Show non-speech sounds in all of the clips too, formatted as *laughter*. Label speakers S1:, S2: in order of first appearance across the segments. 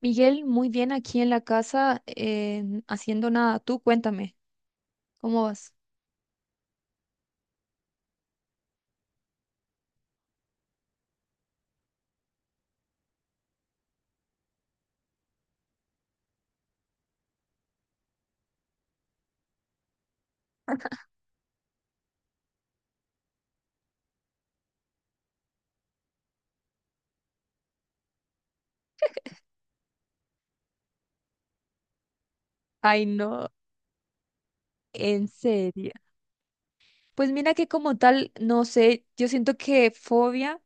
S1: Miguel, muy bien aquí en la casa, haciendo nada. Tú cuéntame, ¿cómo vas? Ay, no, en serio. Pues mira que como tal, no sé, yo siento que fobia.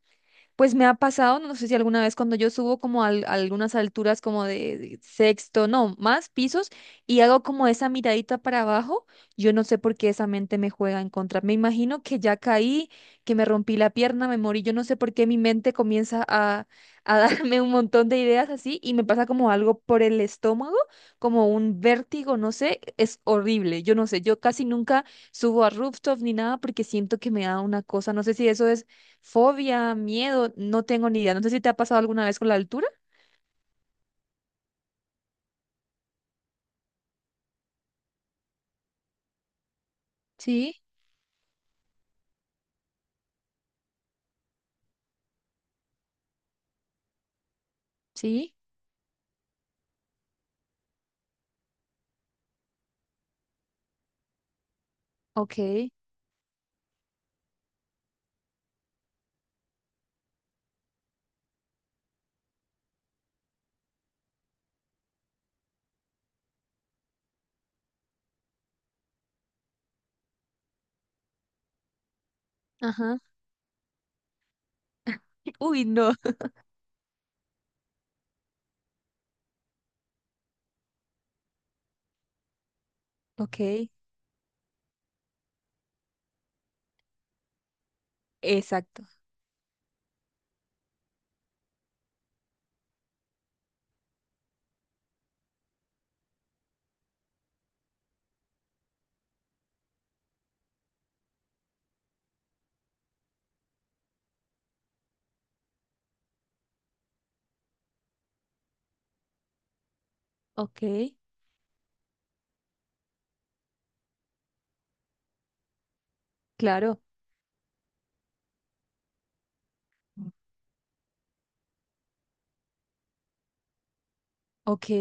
S1: Pues me ha pasado, no sé si alguna vez cuando yo subo como a algunas alturas como de sexto, no, más pisos y hago como esa miradita para abajo, yo no sé por qué esa mente me juega en contra. Me imagino que ya caí, que me rompí la pierna, me morí, yo no sé por qué mi mente comienza a *laughs* darme un montón de ideas así y me pasa como algo por el estómago, como un vértigo, no sé, es horrible, yo no sé, yo casi nunca subo a rooftop ni nada porque siento que me da una cosa, no sé si eso es fobia, miedo, no tengo ni idea. No sé si te ha pasado alguna vez con la altura. Sí, sí. Ok. Ajá. *laughs* Uy, no. Ok. Exacto. Ok. Claro. Ok.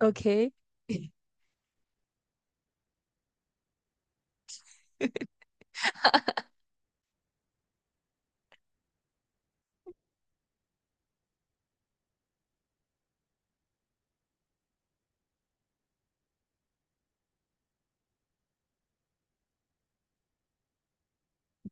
S1: Ok. *laughs*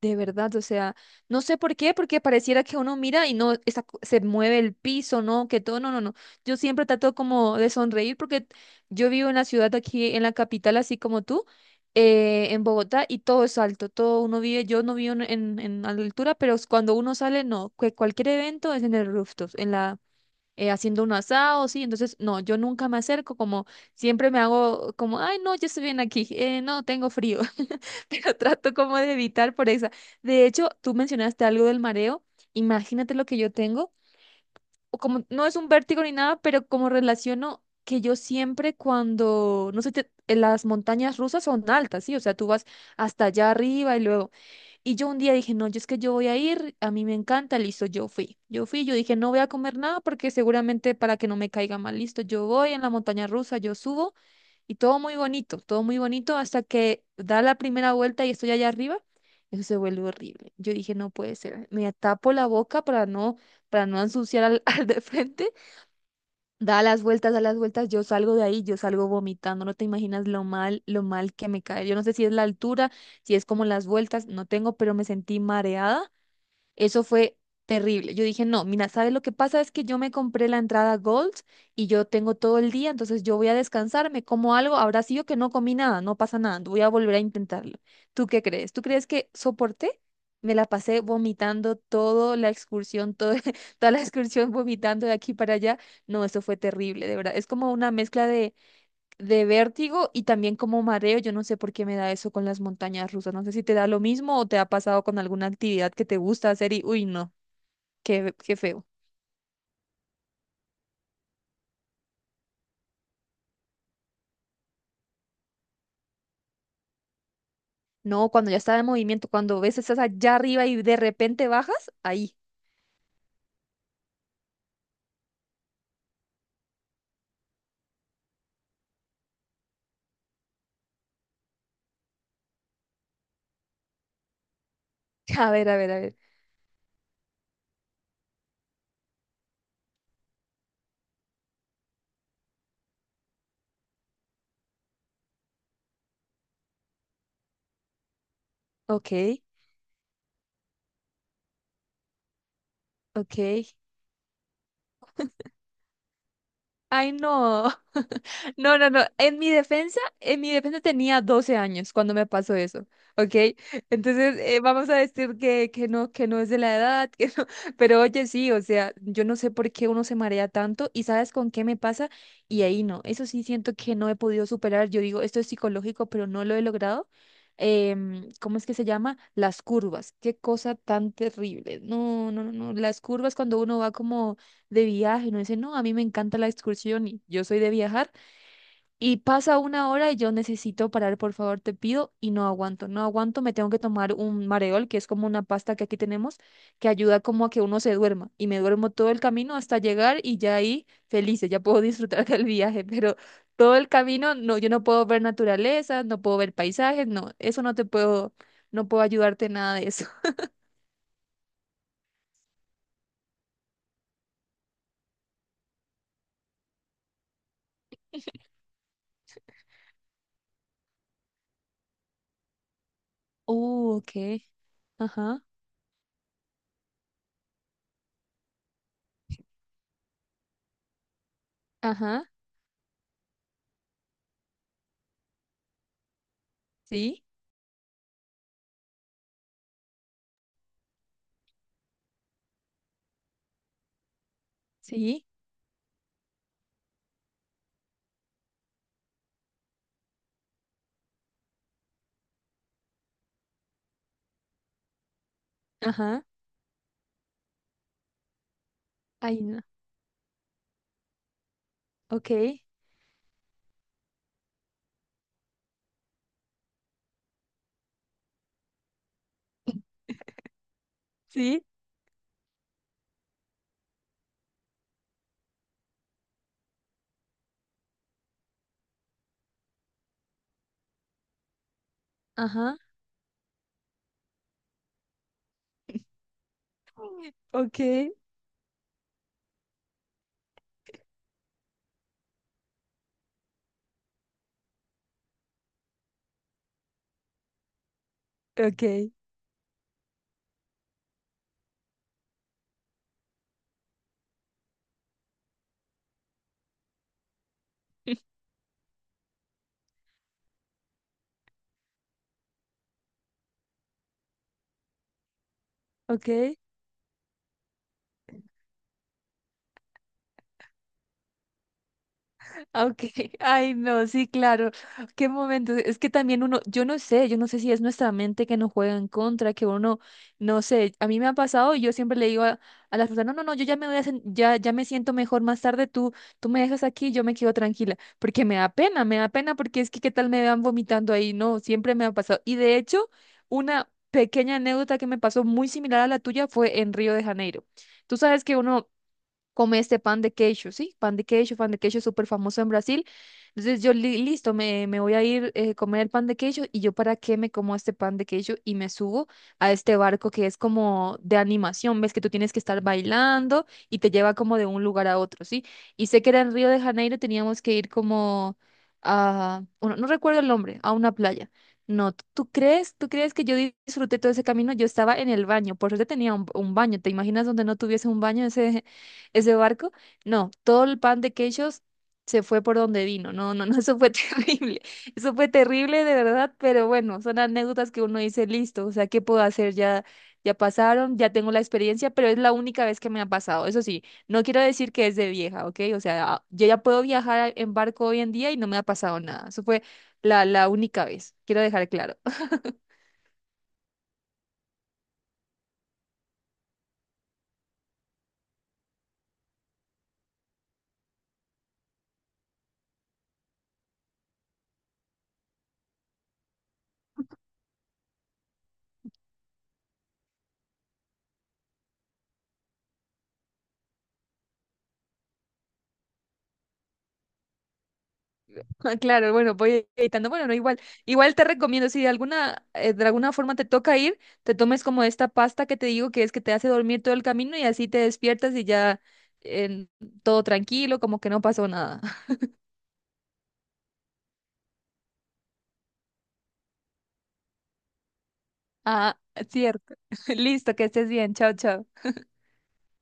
S1: De verdad, o sea, no sé por qué, porque pareciera que uno mira y no esa se mueve el piso, no, que todo, no, no, no. Yo siempre trato como de sonreír porque yo vivo en la ciudad aquí, en la capital, así como tú, en Bogotá, y todo es alto, todo uno vive, yo no vivo en altura, pero cuando uno sale, no, que cualquier evento es en el rooftop, en la haciendo un asado, sí, entonces no, yo nunca me acerco, como siempre me hago como, ay, no, yo estoy bien aquí, no, tengo frío, *laughs* pero trato como de evitar por esa. De hecho, tú mencionaste algo del mareo, imagínate lo que yo tengo, o como no es un vértigo ni nada, pero como relaciono que yo siempre cuando, no sé, en las montañas rusas son altas, sí, o sea, tú vas hasta allá arriba y luego y yo un día dije, no, yo es que yo voy a ir, a mí me encanta, listo, yo fui. Yo fui, yo dije, no voy a comer nada porque seguramente para que no me caiga mal, listo, yo voy en la montaña rusa, yo subo y todo muy bonito hasta que da la primera vuelta y estoy allá arriba, eso se vuelve horrible. Yo dije, no puede ser, me tapo la boca para no ensuciar al, *laughs* al de frente. Da las vueltas, yo salgo de ahí, yo salgo vomitando, no te imaginas lo mal que me cae. Yo no sé si es la altura, si es como las vueltas, no tengo, pero me sentí mareada, eso fue terrible. Yo dije, no, mira, ¿sabes lo que pasa? Es que yo me compré la entrada Gold y yo tengo todo el día, entonces yo voy a descansar, me como algo, habrá sido que no comí nada, no pasa nada, voy a volver a intentarlo. ¿Tú qué crees? ¿Tú crees que soporté? Me la pasé vomitando toda la excursión, *laughs* toda la excursión vomitando de aquí para allá. No, eso fue terrible, de verdad. Es como una mezcla de vértigo y también como mareo. Yo no sé por qué me da eso con las montañas rusas. No sé si te da lo mismo o te ha pasado con alguna actividad que te gusta hacer y, uy, no, qué, qué feo. No, cuando ya está en movimiento, cuando ves estás allá arriba y de repente bajas, ahí. *laughs* A ver, a ver, a ver. Ok, ok. Ay, no. No, no, no. En mi defensa tenía 12 años cuando me pasó eso, ¿ok? Entonces, vamos a decir que no es de la edad, *laughs* que no. Pero oye, sí, o sea, yo no sé por qué uno se marea tanto y sabes con qué me pasa y ahí no. Eso sí siento que no he podido superar. Yo digo, esto es psicológico, pero no lo he logrado. ¿Cómo es que se llama? Las curvas. Qué cosa tan terrible. No, no, no, no. Las curvas cuando uno va como de viaje, no dice, no, a mí me encanta la excursión y yo soy de viajar. Y pasa una hora y yo necesito parar, por favor, te pido, y no aguanto, no aguanto, me tengo que tomar un mareol, que es como una pasta que aquí tenemos, que ayuda como a que uno se duerma, y me duermo todo el camino hasta llegar y ya ahí felices, ya puedo *laughs* disfrutar del viaje, pero todo el camino, no, yo no puedo ver naturaleza, no puedo ver paisajes, no, eso no te puedo, no puedo ayudarte en nada de eso. *laughs* Ok, ajá, ajá, sí, sí, ajá, ay, no, ok, sí, ajá. *laughs* Ok. Ok. Ok, ok, *laughs* ay no, sí, claro, qué momento, es que también uno, yo no sé si es nuestra mente que nos juega en contra, que uno, no sé, a mí me ha pasado y yo siempre le digo a las personas, no, no, no, yo ya me voy a, ya, ya me siento mejor más tarde, tú me dejas aquí, yo me quedo tranquila, porque me da pena porque es que qué tal me vean vomitando ahí, no, siempre me ha pasado, y de hecho, una pequeña anécdota que me pasó muy similar a la tuya fue en Río de Janeiro, tú sabes que uno come este pan de queijo, ¿sí? Pan de queijo es súper famoso en Brasil. Entonces yo, listo, me voy a ir a comer el pan de queijo y yo para qué me como este pan de queijo y me subo a este barco que es como de animación, ves que tú tienes que estar bailando y te lleva como de un lugar a otro, ¿sí? Y sé que era en Río de Janeiro, teníamos que ir como a, bueno, no recuerdo el nombre, a una playa. No, ¿tú crees? ¿Tú crees que yo disfruté todo ese camino? Yo estaba en el baño, por suerte tenía un baño. ¿Te imaginas donde no tuviese un baño? Ese barco. No, todo el pan de quechos se fue por donde vino. No, no, no, eso fue *laughs* terrible. Eso fue terrible de verdad, pero bueno, son anécdotas que uno dice, listo, o sea, ¿qué puedo hacer? Ya, ya pasaron, ya tengo la experiencia, pero es la única vez que me ha pasado. Eso sí, no quiero decir que es de vieja, ¿ok? O sea, yo ya puedo viajar en barco hoy en día y no me ha pasado nada. Eso fue la, la única vez, quiero dejar claro. *laughs* Ah, claro, bueno, voy editando. Bueno, no, igual, igual te recomiendo, si de alguna, de alguna forma te toca ir, te tomes como esta pasta que te digo que es que te hace dormir todo el camino y así te despiertas y ya en todo tranquilo, como que no pasó nada. *laughs* Ah, cierto. *laughs* Listo, que estés bien. Chao, chao.